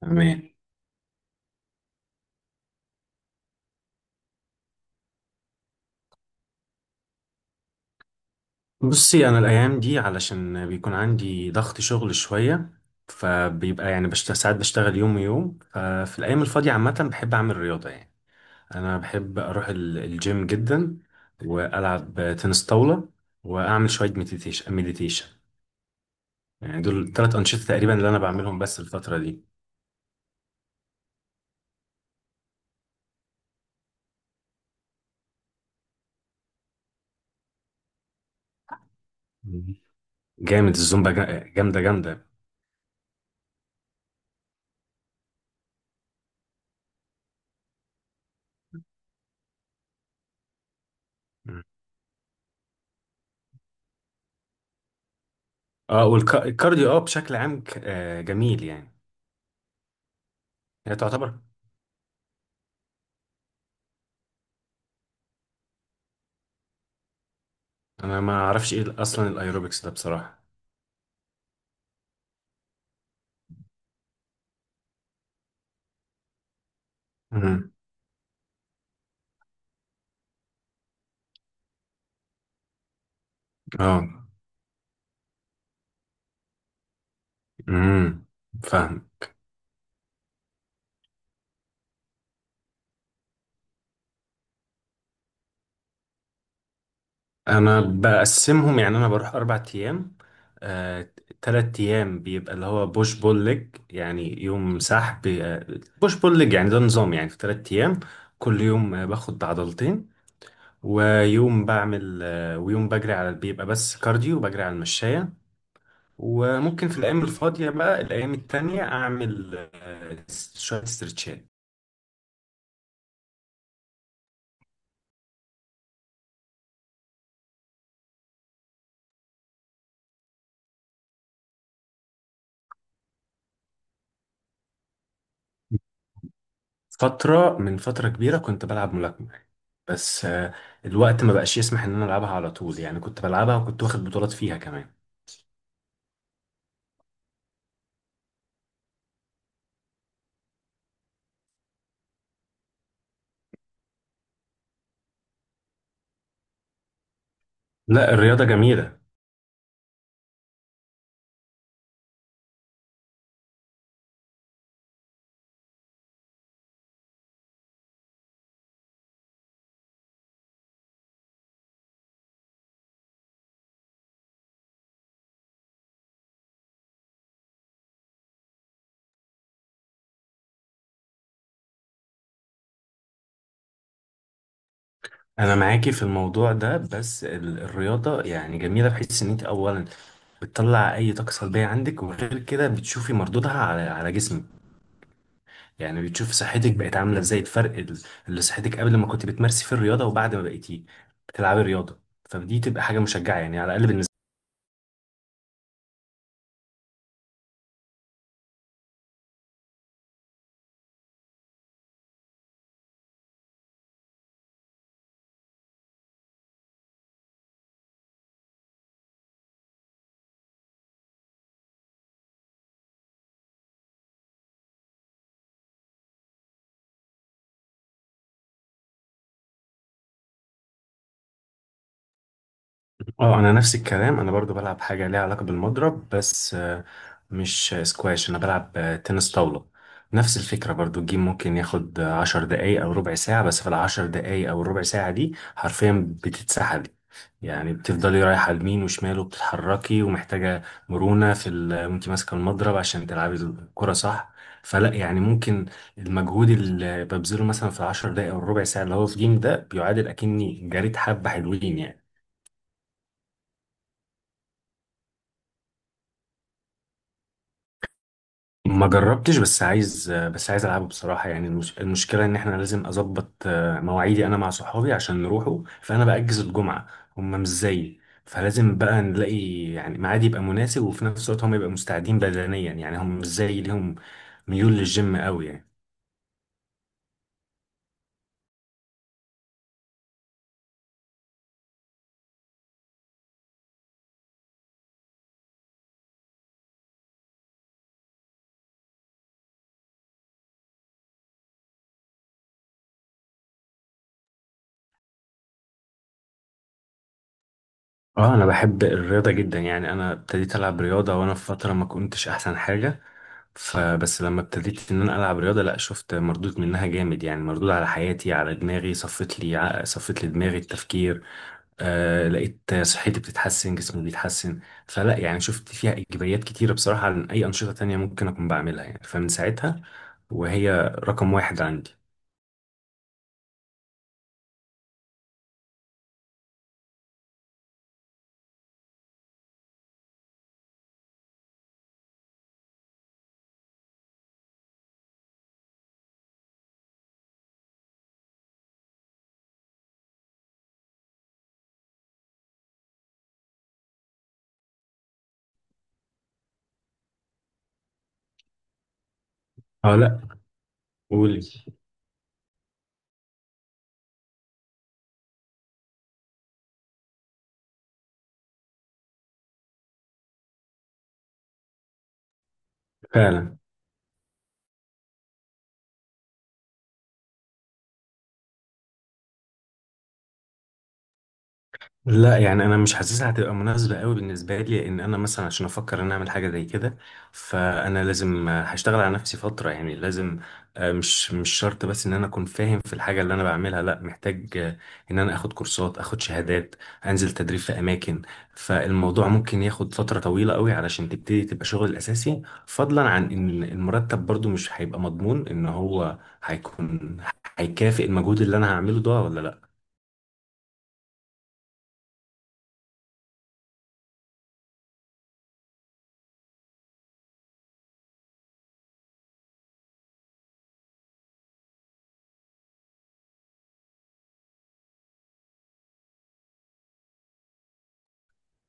تمام. بصي، انا الايام دي علشان بيكون عندي ضغط شغل شويه، فبيبقى يعني ساعات بشتغل يوم ويوم. ففي الايام الفاضيه عامه بحب اعمل رياضه يعني. انا بحب اروح الجيم جدا، والعب تنس طاوله، واعمل شويه مديتيشن مديتيشن. يعني دول ثلاث انشطه تقريبا اللي انا بعملهم بس الفتره دي. مم. جامد الزومبا، جامده جامده. مم. اه، والكارديو اه، بشكل عام جميل يعني. هي تعتبر انا ما اعرفش ايه اصلا الايروبكس ده بصراحه. امم. اه. امم. فاهم. انا بقسمهم يعني، انا بروح اربع ايام. آه، تلات ايام بيبقى اللي هو بوش بول ليج، يعني يوم سحب، بوش بول ليج، يعني ده نظام يعني في تلات ايام، كل يوم باخد عضلتين، ويوم بعمل ويوم بجري على، بيبقى بس كارديو بجري على المشاية. وممكن في الايام الفاضية بقى الايام التانية اعمل شوية استرتشات. فترة من فترة كبيرة كنت بلعب ملاكمة، بس الوقت ما بقاش يسمح ان انا العبها على طول. يعني كنت بلعبها وكنت واخد بطولات فيها كمان. لا، الرياضة جميلة. انا معاكي في الموضوع ده، بس الرياضة يعني جميلة بحيث ان انت اولا بتطلع اي طاقة سلبية عندك، وغير كده بتشوفي مردودها على جسمك. يعني بتشوفي صحتك بقت عاملة ازاي، الفرق اللي صحتك قبل ما كنت بتمارسي في الرياضة وبعد ما بقيتي بتلعبي الرياضة. فدي تبقى حاجة مشجعة يعني، على الاقل بالنسبة لي. اه انا نفس الكلام، انا برضو بلعب حاجة ليها علاقة بالمضرب، بس مش سكواش، انا بلعب تنس طاولة. نفس الفكرة برضو، الجيم ممكن ياخد عشر دقايق او ربع ساعة، بس في العشر دقايق او الربع ساعة دي حرفيا بتتسحلي. يعني بتفضلي رايحة يمين وشمال وبتتحركي، ومحتاجة مرونة وانت ماسكة المضرب عشان تلعبي الكرة صح. فلا يعني، ممكن المجهود اللي ببذله مثلا في العشر دقايق او الربع ساعة اللي هو في جيم ده بيعادل اكني جريت حبة حلوين يعني. ما جربتش، بس عايز العبه بصراحه. يعني المشكله ان احنا لازم اظبط مواعيدي انا مع صحابي عشان نروحوا، فانا باجز الجمعه، هم مش زيي. فلازم بقى نلاقي يعني ميعاد يبقى مناسب، وفي نفس الوقت هم يبقوا مستعدين بدنيا. يعني هم مش زيي، ليهم ميول للجيم قوي يعني. اه، انا بحب الرياضه جدا. يعني انا ابتديت العب رياضه وانا في فتره ما كنتش احسن حاجه، فبس لما ابتديت ان انا العب رياضه، لا شفت مردود منها جامد. يعني مردود على حياتي، على دماغي، صفت لي دماغي التفكير. آه، لقيت صحتي بتتحسن، جسمي بيتحسن. فلا يعني شفت فيها ايجابيات كتيره بصراحه عن اي انشطه تانية ممكن اكون بعملها يعني. فمن ساعتها وهي رقم واحد عندي. اه لا، قولي. فعلا. لا يعني انا مش حاسسها هتبقى مناسبه قوي بالنسبه لي، لان انا مثلا عشان افكر ان أنا اعمل حاجه زي كده، فانا لازم هشتغل على نفسي فتره. يعني لازم آه، مش مش شرط بس ان انا اكون فاهم في الحاجه اللي انا بعملها، لا محتاج ان انا اخد كورسات، اخد شهادات، انزل تدريب في اماكن. فالموضوع ممكن ياخد فتره طويله قوي علشان تبتدي تبقى شغل الاساسي، فضلا عن ان المرتب برضو مش هيبقى مضمون ان هو هيكون هيكافئ المجهود اللي انا هعمله ده ولا لا.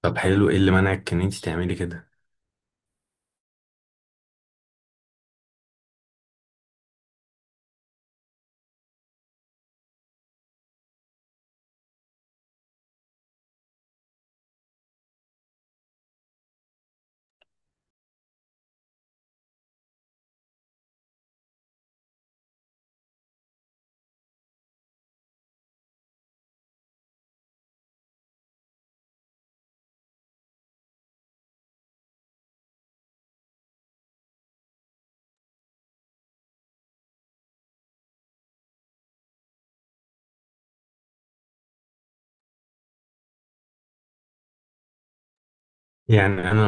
طب حلو، ايه اللي منعك ان انت تعملي كده؟ يعني انا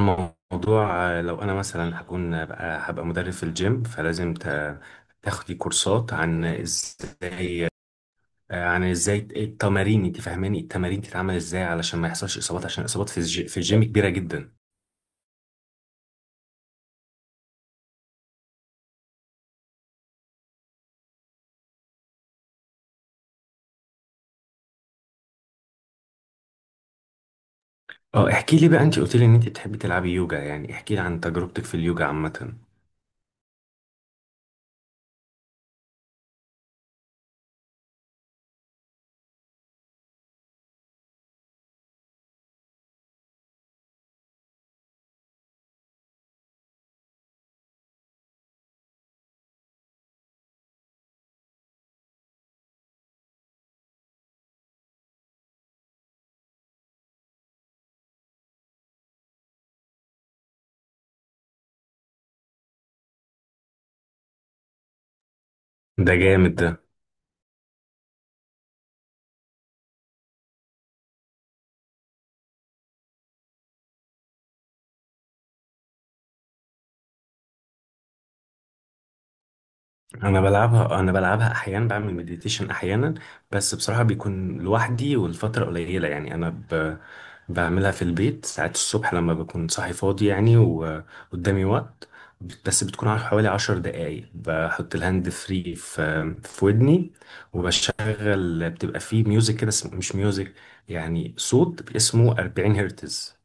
الموضوع لو انا مثلا هكون بقى هبقى مدرب في الجيم، فلازم تاخدي كورسات عن ازاي عن ازاي التمارين، انت فاهماني، التمارين تتعمل ازاي علشان ما يحصلش اصابات، عشان الاصابات في الجيم كبيره جدا. اه، احكي لي بقى، انت قلت لي ان انت بتحبي تلعبي يوجا، يعني احكي لي عن تجربتك في اليوجا عامه. ده جامد ده. انا بلعبها، انا بلعبها احيانا، بعمل مديتيشن احيانا، بس بصراحه بيكون لوحدي والفتره قليله. يعني انا بعملها في البيت ساعات الصبح لما بكون صاحي فاضي يعني وقدامي وقت. بس بتكون على حوالي عشر دقايق. بحط الهاند فري في ودني، وبشغل بتبقى فيه ميوزك كده، مش ميوزك، يعني صوت اسمه 40 هرتز.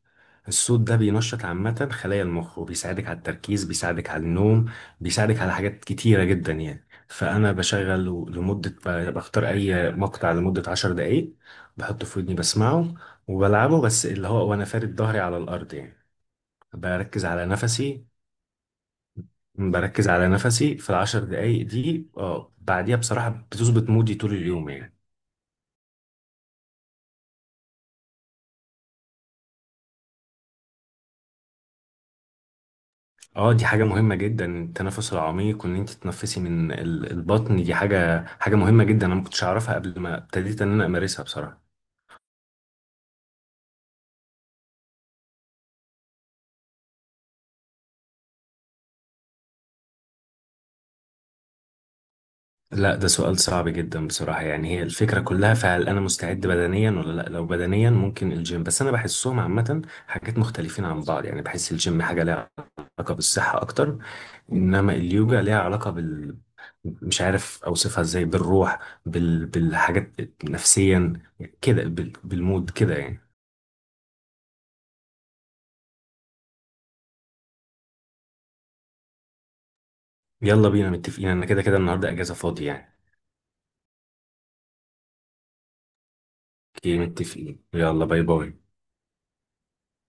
الصوت ده بينشط عامة خلايا المخ، وبيساعدك على التركيز، بيساعدك على النوم، بيساعدك على حاجات كتيرة جدا يعني. فأنا بشغل لمدة، بختار أي مقطع لمدة عشر دقايق، بحطه في ودني بسمعه وبلعبه، بس اللي هو وأنا فارد ظهري على الأرض يعني، بركز على نفسي. في العشر دقايق دي، اه، بعديها بصراحة بتظبط مودي طول اليوم يعني. اه دي حاجة مهمة جدا، التنفس العميق وان انت تتنفسي من البطن، دي حاجة مهمة جدا. انا ما كنتش اعرفها قبل ما ابتديت ان انا امارسها بصراحة. لا، ده سؤال صعب جدا بصراحة. يعني هي الفكرة كلها، فهل انا مستعد بدنيا ولا لا. لو بدنيا، ممكن الجيم. بس انا بحسهم عامة حاجات مختلفين عن بعض. يعني بحس الجيم حاجة ليها علاقة بالصحة اكتر، انما اليوجا ليها علاقة مش عارف اوصفها ازاي، بالروح، بالحاجات، نفسيا كده، بالمود كده يعني. يلا بينا، متفقين، انا كده كده النهارده اجازه فاضي يعني. اوكي، متفقين، يلا، باي باي.